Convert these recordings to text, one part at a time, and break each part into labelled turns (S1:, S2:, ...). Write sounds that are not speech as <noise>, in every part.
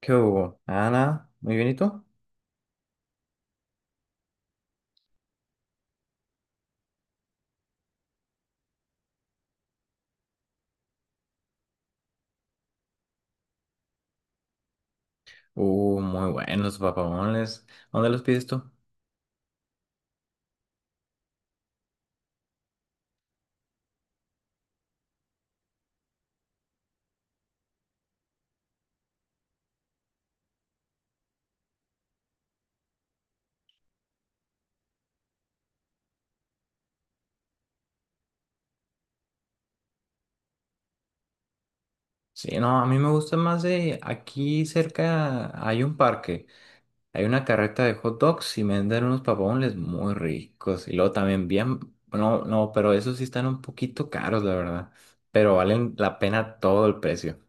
S1: ¿Qué hubo, Ana? Muy bien, ¿y tú? Muy buenos papamones. ¿Dónde los pides tú? Sí, no, a mí me gusta más. De aquí cerca hay un parque, hay una carreta de hot dogs y venden unos papamones muy ricos. Y luego también bien, no, no, pero esos sí están un poquito caros, la verdad. Pero valen la pena todo el precio.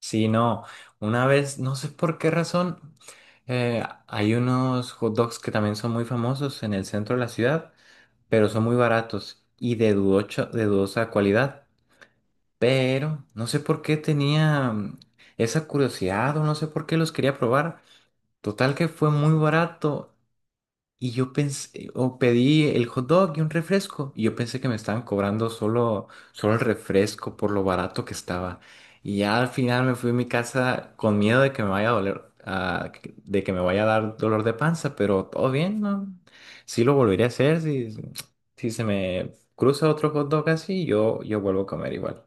S1: Sí, no, una vez, no sé por qué razón, hay unos hot dogs que también son muy famosos en el centro de la ciudad, pero son muy baratos y de dudosa calidad. Pero no sé por qué tenía esa curiosidad o no sé por qué los quería probar. Total que fue muy barato y yo pensé, o pedí el hot dog y un refresco. Y yo pensé que me estaban cobrando solo el refresco por lo barato que estaba. Y ya al final me fui a mi casa con miedo de que me vaya a doler, de que me vaya a dar dolor de panza, pero todo bien, ¿no? Sí lo volvería a hacer. Si, si se me cruza otro hot dog así, yo vuelvo a comer igual.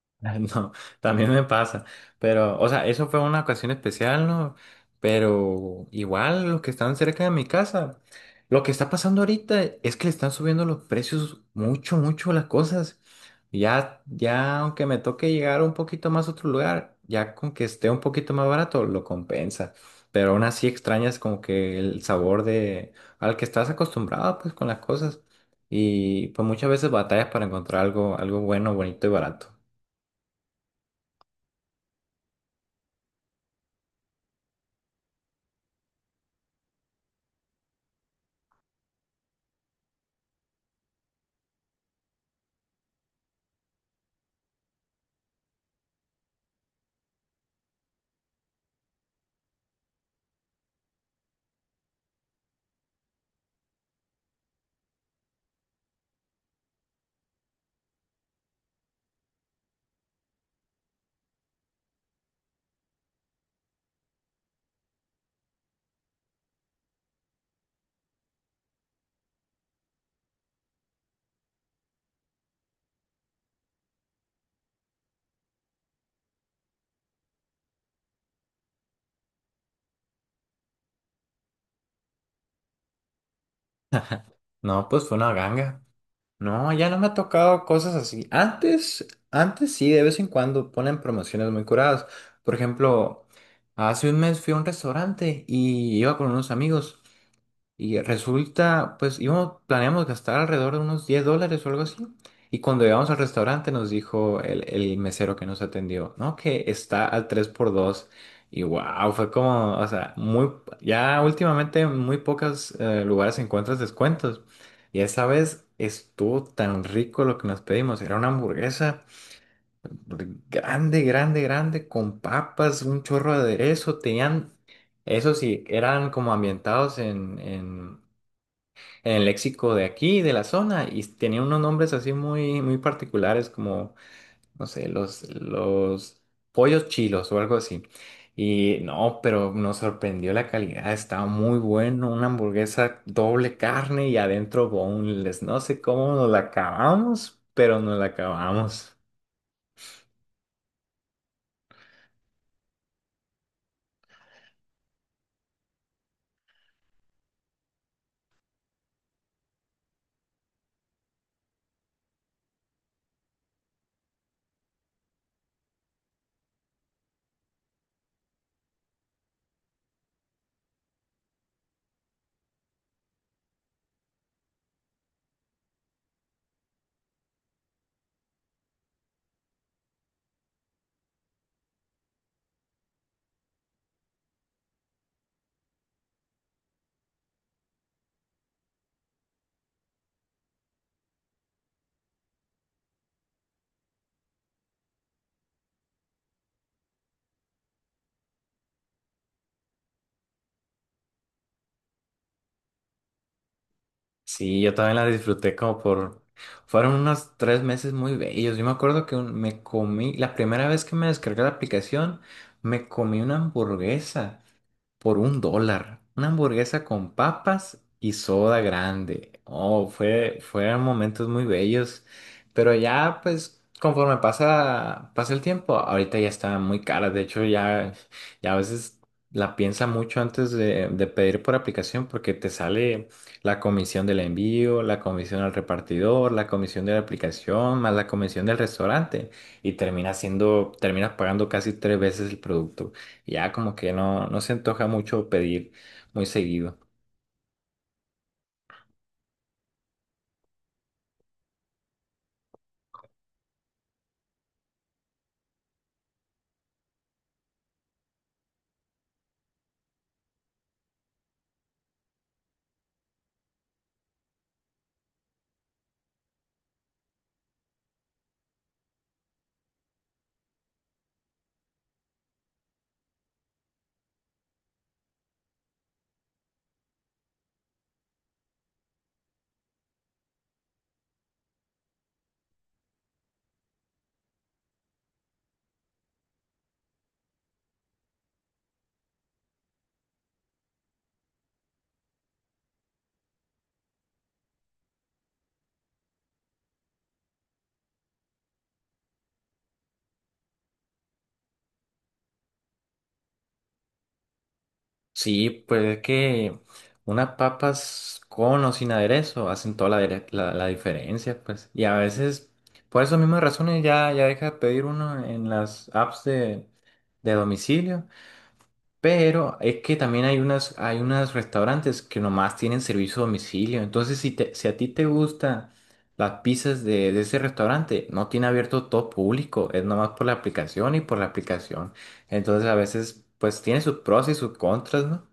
S1: <laughs> No, también me pasa, pero, o sea, eso fue una ocasión especial, ¿no? Pero igual los que están cerca de mi casa, lo que está pasando ahorita es que le están subiendo los precios mucho, mucho las cosas. Ya, ya, aunque me toque llegar un poquito más a otro lugar, ya con que esté un poquito más barato, lo compensa. Pero aún así extrañas como que el sabor de al que estás acostumbrado, pues, con las cosas. Y pues muchas veces batallas para encontrar algo, algo bueno, bonito y barato. No, pues fue una ganga. No, ya no me ha tocado cosas así. Antes, antes sí, de vez en cuando ponen promociones muy curadas. Por ejemplo, hace un mes fui a un restaurante y iba con unos amigos. Y resulta, pues íbamos, planeamos gastar alrededor de unos $10 o algo así. Y cuando llegamos al restaurante nos dijo el mesero que nos atendió, ¿no? Que está al 3x2. Y wow, fue como, o sea, muy, ya últimamente en muy pocos lugares encuentras descuentos. Y esa vez estuvo tan rico lo que nos pedimos. Era una hamburguesa grande, grande, grande, con papas, un chorro de aderezo. Tenían, eso sí, eran como ambientados en, en el léxico de aquí, de la zona, y tenía unos nombres así muy, muy particulares como, no sé, los pollos chilos o algo así. Y no, pero nos sorprendió la calidad, estaba muy bueno, una hamburguesa doble carne y adentro boneless, no sé cómo nos la acabamos, pero nos la acabamos. Sí, yo también la disfruté como por... Fueron unos 3 meses muy bellos. Yo me acuerdo que me comí, la primera vez que me descargué la aplicación, me comí una hamburguesa por $1. Una hamburguesa con papas y soda grande. Oh, fueron momentos muy bellos. Pero ya, pues, conforme pasa el tiempo, ahorita ya está muy cara. De hecho, ya, ya a veces la piensa mucho antes de pedir por aplicación porque te sale la comisión del envío, la comisión al repartidor, la comisión de la aplicación, más la comisión del restaurante. Y termina siendo, terminas pagando casi 3 veces el producto. Ya como que no, no se antoja mucho pedir muy seguido. Sí, pues es que unas papas con o sin aderezo hacen toda la diferencia, pues. Y a veces, por esas mismas razones, ya, ya deja de pedir uno en las apps de domicilio. Pero es que también hay unos restaurantes que nomás tienen servicio a domicilio. Entonces, si a ti te gustan las pizzas de ese restaurante, no tiene abierto todo público, es nomás por la aplicación y por la aplicación. Entonces, a veces, pues tiene sus pros y sus contras, ¿no?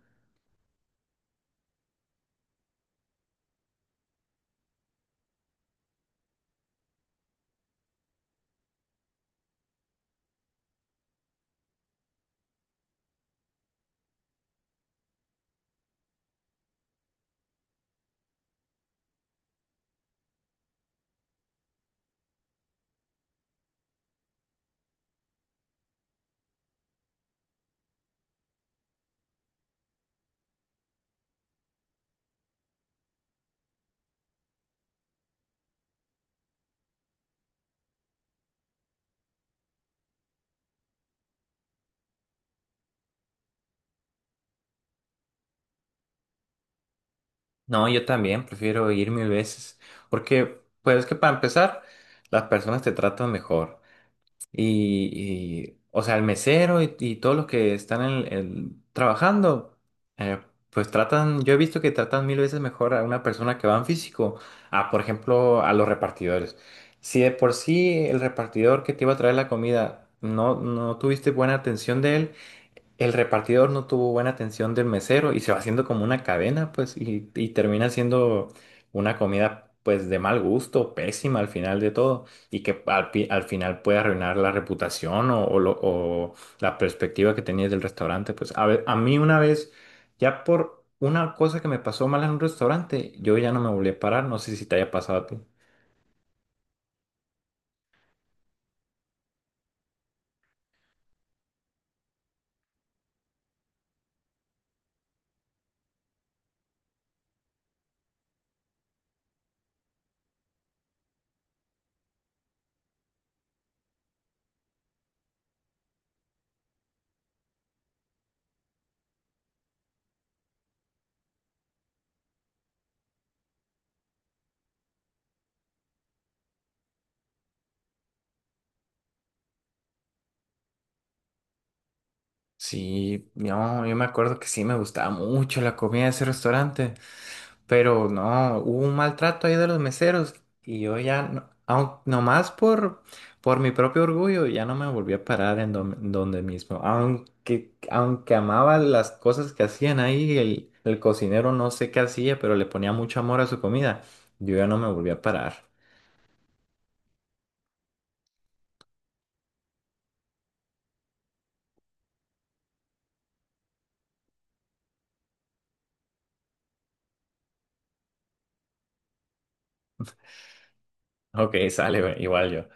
S1: No, yo también prefiero ir mil veces, porque, pues es que para empezar, las personas te tratan mejor. O sea, el mesero y todos los que están trabajando, eh, pues tratan, yo he visto que tratan mil veces mejor a una persona que va en físico, a, por ejemplo, a los repartidores. Si de por sí el repartidor que te iba a traer la comida no, no tuviste buena atención de él, el repartidor no tuvo buena atención del mesero y se va haciendo como una cadena, pues, y termina siendo una comida, pues, de mal gusto, pésima al final de todo, y que al final puede arruinar la reputación o la perspectiva que tenías del restaurante. Pues, a mí una vez, ya por una cosa que me pasó mal en un restaurante, yo ya no me volví a parar, no sé si te haya pasado a ti. Sí, no, yo me acuerdo que sí me gustaba mucho la comida de ese restaurante. Pero no, hubo un maltrato ahí de los meseros y yo ya, no, nomás por mi propio orgullo, ya no me volví a parar en donde mismo. Aunque amaba las cosas que hacían ahí, el cocinero no sé qué hacía, pero le ponía mucho amor a su comida, yo ya no me volví a parar. Ok, sale, güey, igual yo.